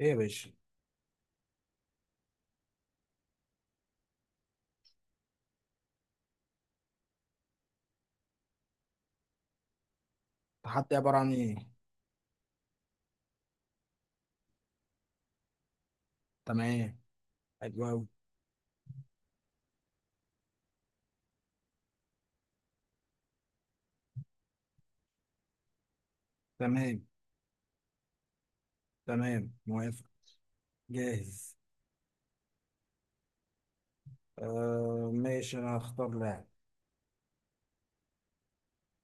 ايه يا باشا؟ التحدي عبارة عن ايه؟ تمام. حلو أوي. تمام تمام، موافق. جاهز. آه ماشي، انا هختار لاعب.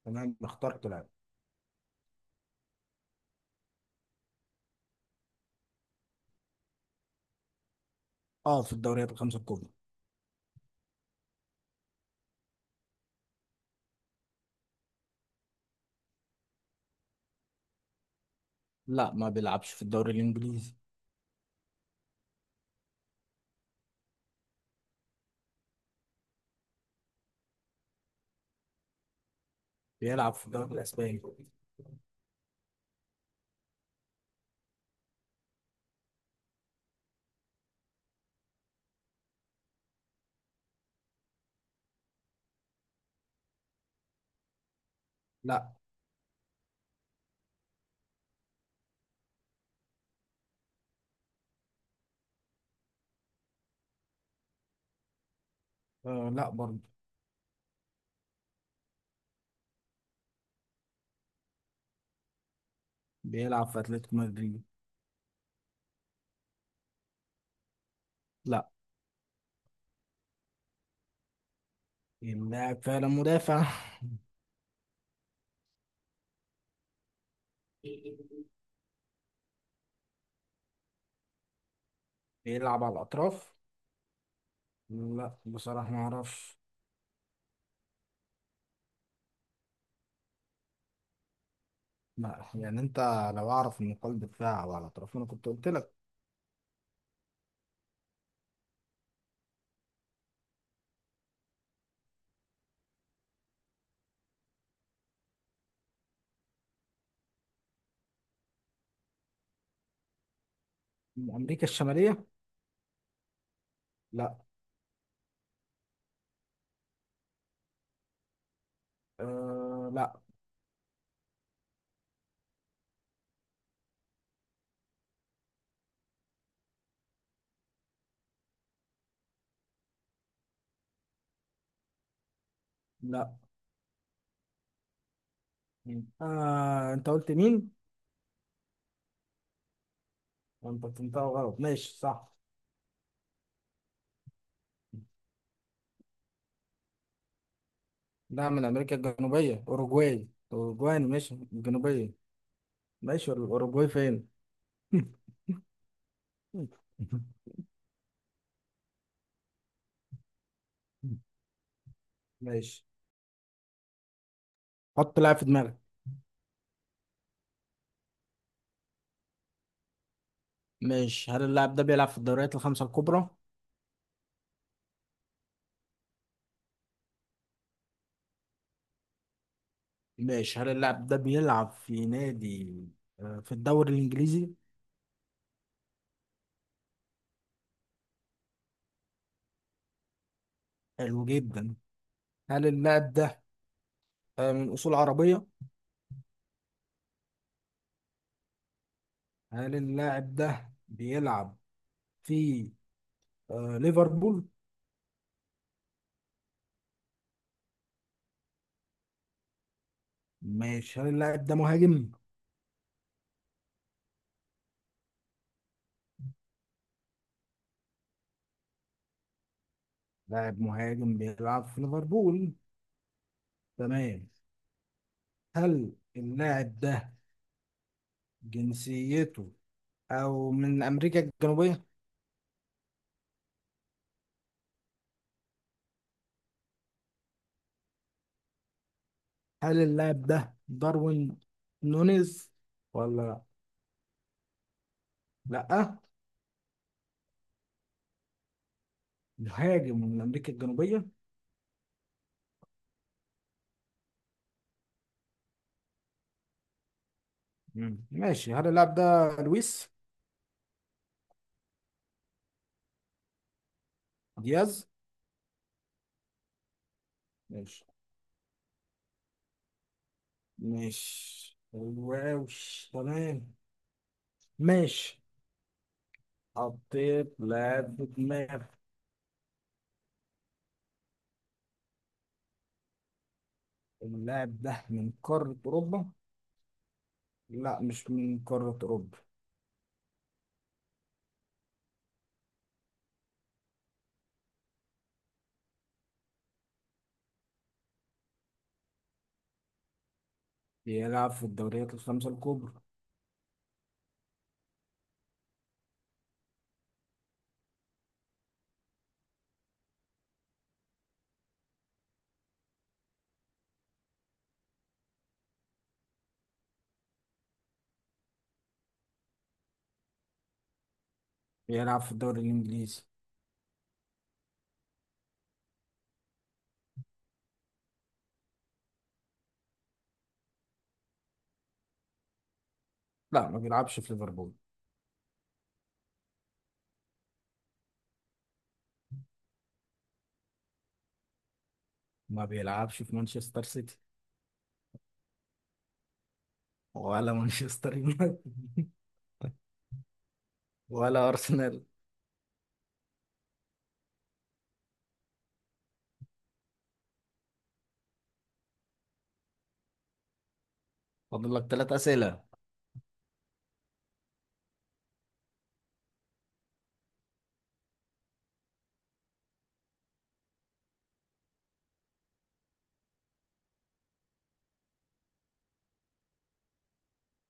تمام، اخترت لاعب. اه، في الدوريات الخمسة الكبرى. لا ما بيلعبش في الدوري الانجليزي. بيلعب في الدوري الاسباني. لا. آه لا برضه. بيلعب في اتلتيكو مدريد. لا. اللاعب فعلا مدافع. بيلعب على الاطراف. لا، بصراحة ما اعرفش. لا، يعني انت لو اعرف ان قلب دفاع على الاطراف انا كنت قلت لك. من امريكا الشمالية. لا. آه لا. لا، مين؟ آه انت قلت مين؟ انت فهمتها غلط، ماشي صح. ده من امريكا الجنوبية، اوروجواي. اوروجواي، ماشي الجنوبية. ماشي، الاوروجواي فين؟ ماشي، حط لاعب في دماغك. ماشي، هل اللاعب ده بيلعب في الدوريات الخمسة الكبرى؟ ماشي، هل اللاعب ده بيلعب في نادي، في الدوري الإنجليزي؟ حلو جدا. هل اللاعب ده، من أصول عربية؟ هل اللاعب ده بيلعب في ليفربول؟ ماشي، هل اللاعب ده مهاجم؟ لاعب مهاجم بيلعب في ليفربول. تمام. هل اللاعب ده جنسيته أو من أمريكا الجنوبية؟ هل اللاعب ده داروين نونيز ولا؟ لأ؟ مهاجم من أمريكا الجنوبية؟ مم. ماشي، هل اللاعب ده لويس دياز؟ ماشي. ماشي، واو. تمام. ماشي، حطيت لاعب في دماغي. اللاعب ده من قارة أوروبا؟ لا، مش من قارة أوروبا. بيلعب في الدوريات الخمسة الكبرى. بيلعب في الدوري الإنجليزي. لا، ما بيلعبش في ليفربول. ما بيلعبش في مانشستر سيتي. ولا مانشستر يونايتد. ولا أرسنال. فاضل لك 3 أسئلة.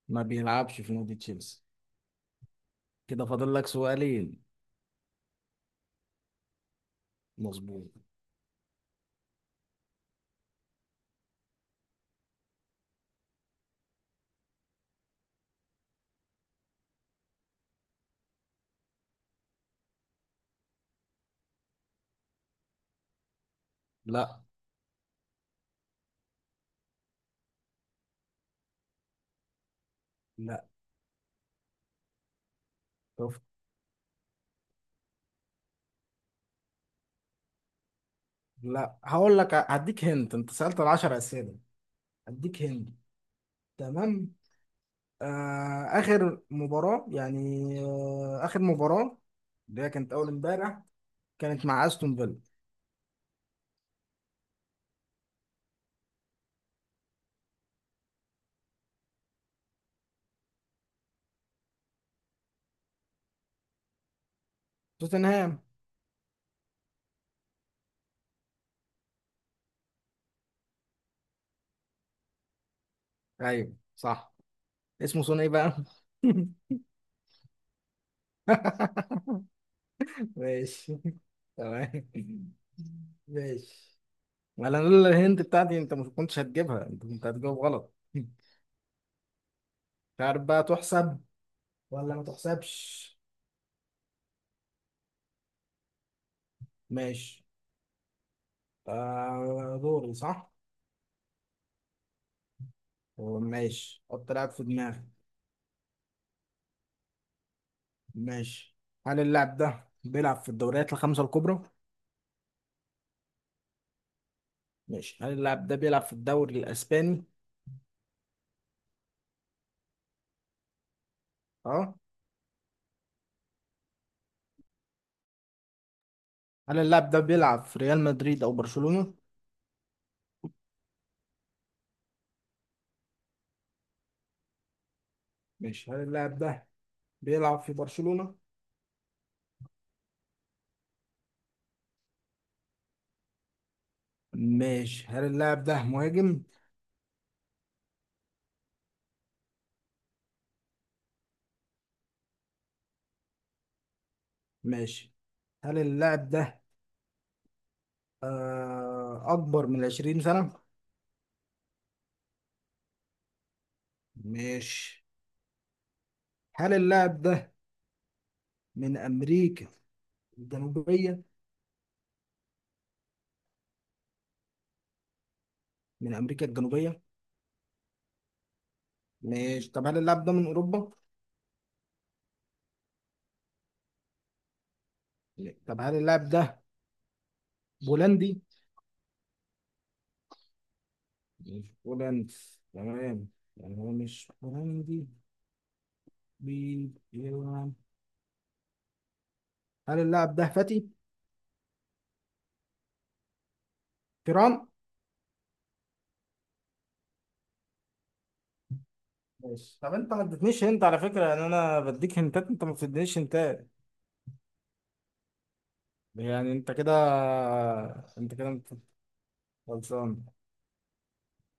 ما بيلعبش في نادي تشيلسي. كده فاضل لك سؤالين. مظبوط. لا. لا، شفت. لا، هقول لك، هديك هنت، انت سألت العشر أسئلة. هديك هنت. تمام. آخر مباراة اللي هي كانت أول امبارح، كانت مع أستون فيلا. توتنهام. أيوه صح. اسمه سون إيه بقى؟ ماشي. تمام. ماشي، ما أنا لولا الهنت بتاعتي أنت ما كنتش هتجيبها. أنت كنت هتجاوب غلط، مش عارف بقى تحسب ولا ما تحسبش. ماشي. دوري صح؟ ماشي، حط لعب في دماغك. ماشي، هل اللاعب ده بيلعب في الدوريات الخمسة الكبرى؟ ماشي، هل اللاعب ده بيلعب في الدوري الأسباني؟ اه. هل اللاعب ده بيلعب في ريال مدريد أو برشلونة؟ ماشي، هل اللاعب ده بيلعب في برشلونة؟ ماشي، هل اللاعب ده مهاجم؟ ماشي، هل اللاعب ده أكبر من 20 سنة؟ ماشي، هل اللاعب ده من أمريكا الجنوبية؟ من أمريكا الجنوبية؟ ماشي، طب هل اللاعب ده من أوروبا؟ لا. طب هل اللاعب ده بولندي؟ مش بولنس، تمام. يعني هو مش بولندي. بيلعب. هل اللاعب ده فتي؟ تيران؟ ماشي، طب انت ما اديتنيش هنت على فكرة، يعني انا بديك هنتات، انت ما بتدينيش هنتات. يعني انت كده، انت كده خلصان.